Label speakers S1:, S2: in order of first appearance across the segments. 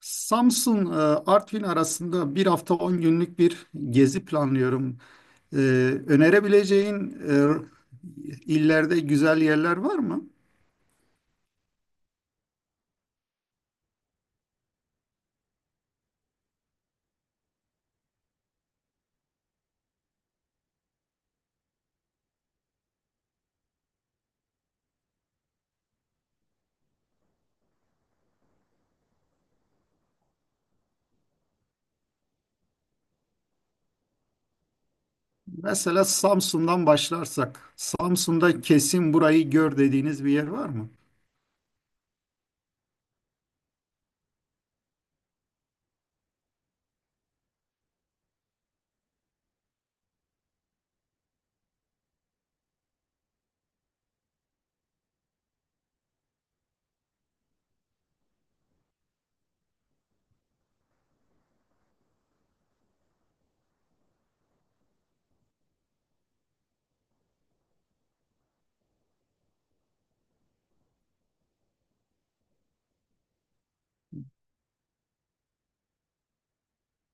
S1: Samsun, Artvin arasında bir hafta 10 günlük bir gezi planlıyorum. E, önerebileceğin illerde güzel yerler var mı? Mesela Samsun'dan başlarsak, Samsun'da kesin burayı gör dediğiniz bir yer var mı?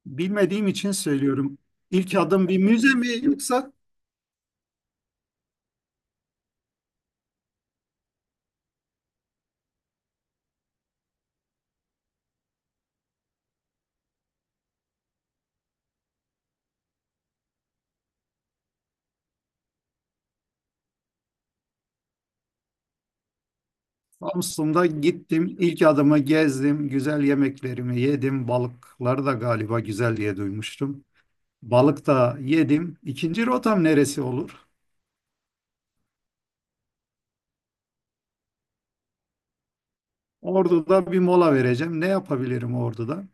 S1: Bilmediğim için söylüyorum. İlk adım bir müze mi yoksa Samsun'da gittim, ilk adımı gezdim, güzel yemeklerimi yedim, balıkları da galiba güzel diye duymuştum. Balıkta yedim. İkinci rotam neresi olur? Ordu'da bir mola vereceğim. Ne yapabilirim Ordu'da?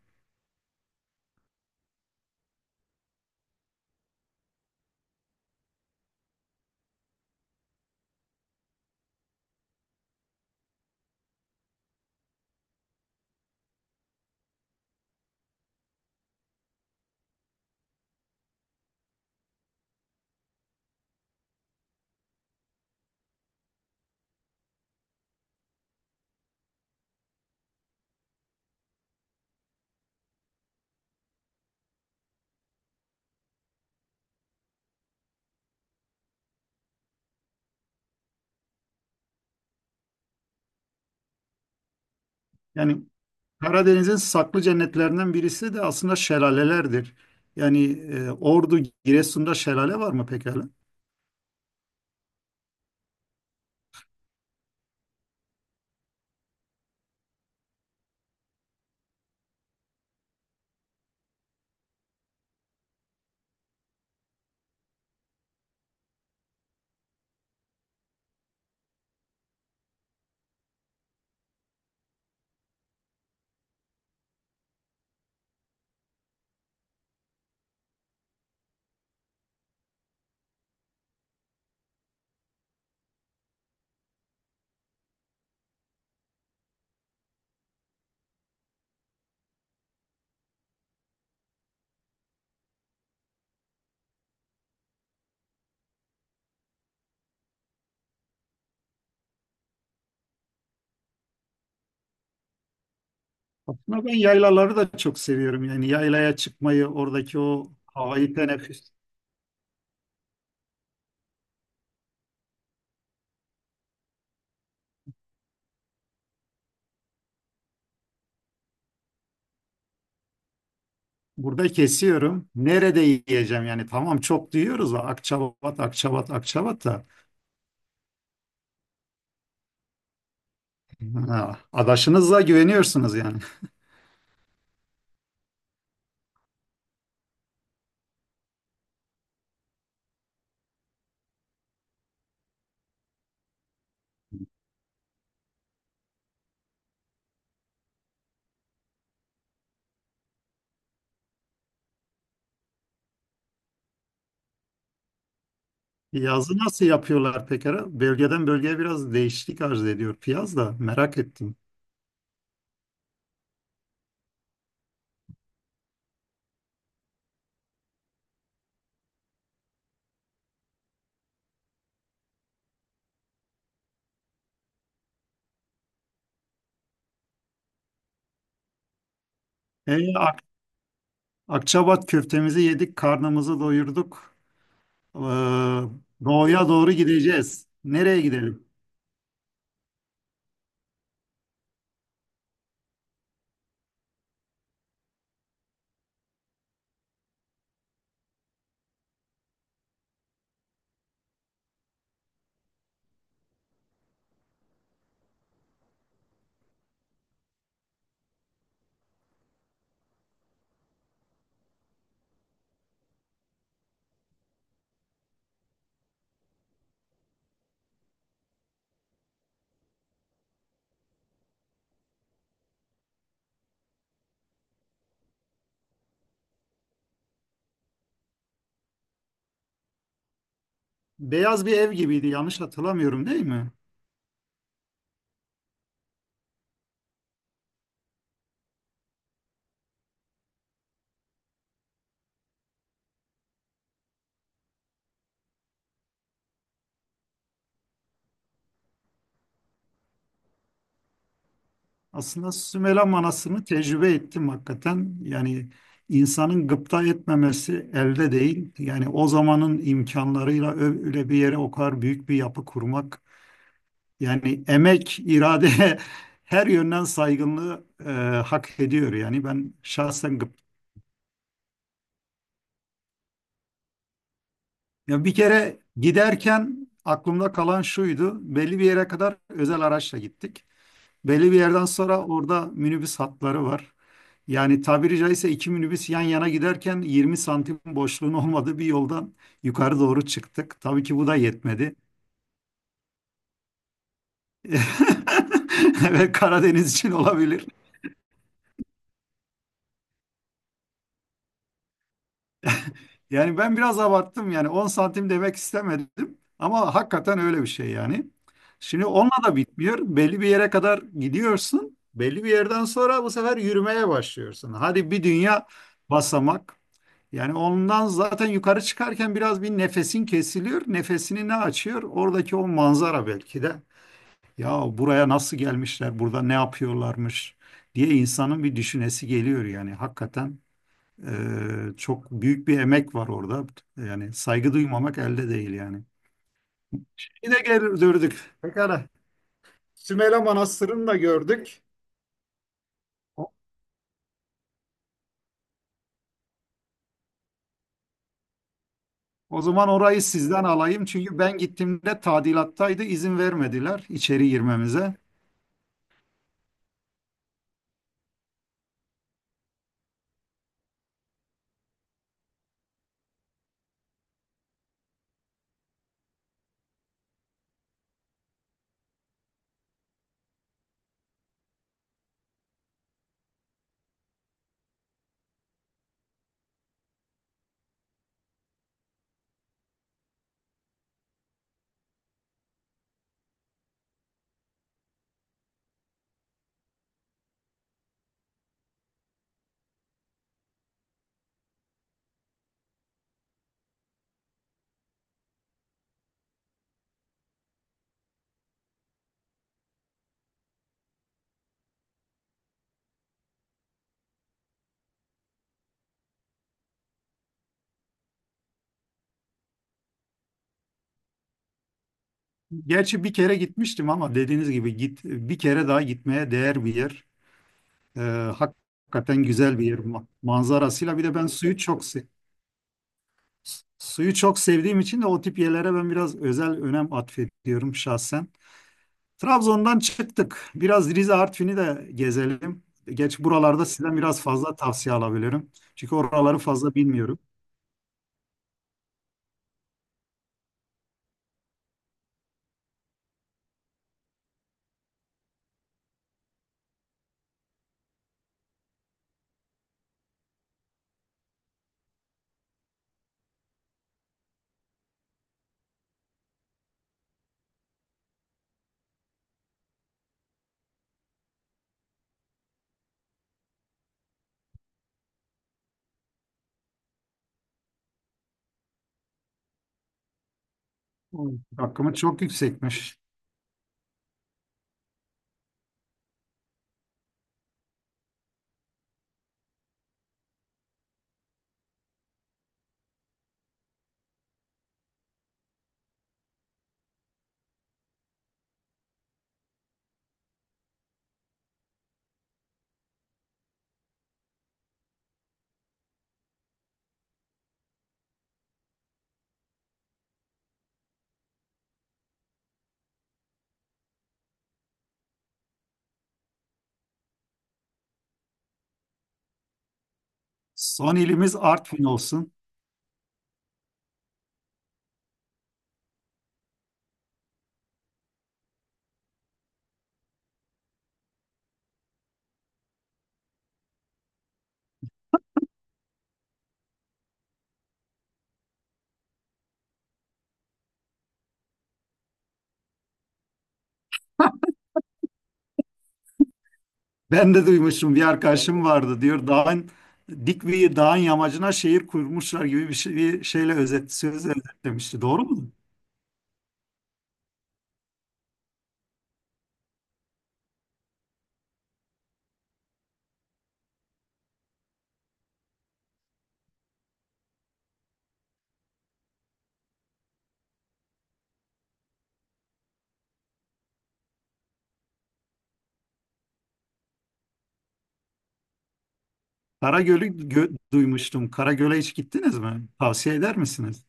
S1: Yani Karadeniz'in saklı cennetlerinden birisi de aslında şelalelerdir. Yani Ordu, Giresun'da şelale var mı pekala? Aslında ben yaylaları da çok seviyorum. Yani yaylaya çıkmayı, oradaki o havayı teneffüs. Burada kesiyorum. Nerede yiyeceğim yani? Tamam çok duyuyoruz da Akçabat, Akçabat, Akçabat da. Ha, adaşınıza güveniyorsunuz yani. Piyazı nasıl yapıyorlar pekala? Bölgeden bölgeye biraz değişiklik arz ediyor piyaz da merak ettim. E, Ak- Akçabat köftemizi yedik, karnımızı doyurduk. Ee, doğuya doğru gideceğiz. Nereye gidelim? Beyaz bir ev gibiydi yanlış hatırlamıyorum değil mi? Aslında Sümela Manası'nı tecrübe ettim hakikaten. Yani insanın gıpta etmemesi elde değil. Yani o zamanın imkanlarıyla öyle bir yere o kadar büyük bir yapı kurmak. Yani emek, irade her yönden saygınlığı hak ediyor. Yani ben şahsen gıp. Ya bir kere giderken aklımda kalan şuydu. Belli bir yere kadar özel araçla gittik. Belli bir yerden sonra orada minibüs hatları var. Yani tabiri caizse iki minibüs yan yana giderken 20 santim boşluğun olmadığı bir yoldan yukarı doğru çıktık. Tabii ki bu da yetmedi. Evet Karadeniz için olabilir. Yani ben biraz abarttım yani 10 santim demek istemedim ama hakikaten öyle bir şey yani. Şimdi onunla da bitmiyor. Belli bir yere kadar gidiyorsun. Belli bir yerden sonra bu sefer yürümeye başlıyorsun. Hadi bir dünya basamak. Yani ondan zaten yukarı çıkarken biraz bir nefesin kesiliyor. Nefesini ne açıyor? Oradaki o manzara belki de. Ya buraya nasıl gelmişler? Burada ne yapıyorlarmış diye insanın bir düşünesi geliyor yani. Hakikaten çok büyük bir emek var orada. Yani saygı duymamak elde değil yani. Bir de gel gördük. Pekala. Sümele Manastırı'nı da gördük. O, o zaman orayı sizden alayım. Çünkü ben gittiğimde tadilattaydı. İzin vermediler içeri girmemize. Gerçi bir kere gitmiştim ama dediğiniz gibi git bir kere daha gitmeye değer bir yer. Ee, hakikaten güzel bir yer manzarasıyla. Bir de ben suyu çok sevdiğim için de o tip yerlere ben biraz özel önem atfediyorum şahsen. Trabzon'dan çıktık. Biraz Rize Artvin'i de gezelim. Geç buralarda sizden biraz fazla tavsiye alabilirim. Çünkü oraları fazla bilmiyorum. Hakkımız çok yüksekmiş. Son ilimiz Artvin olsun. Ben de duymuşum bir arkadaşım vardı diyor dik bir dağın yamacına şehir kurmuşlar gibi bir şeyle özet sözle özetlemişti. Doğru mu? Duymuştum. Karagöl'e hiç gittiniz mi? Tavsiye eder misiniz?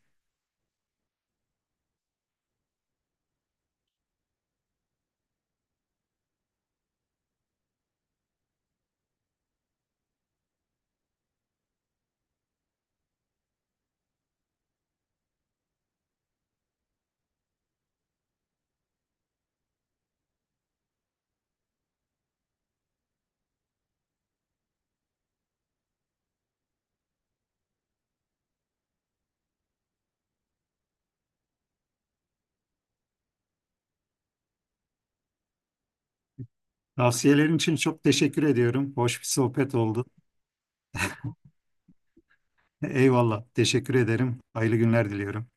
S1: Tavsiyelerin için çok teşekkür ediyorum. Hoş bir sohbet oldu. Eyvallah. Teşekkür ederim. Hayırlı günler diliyorum.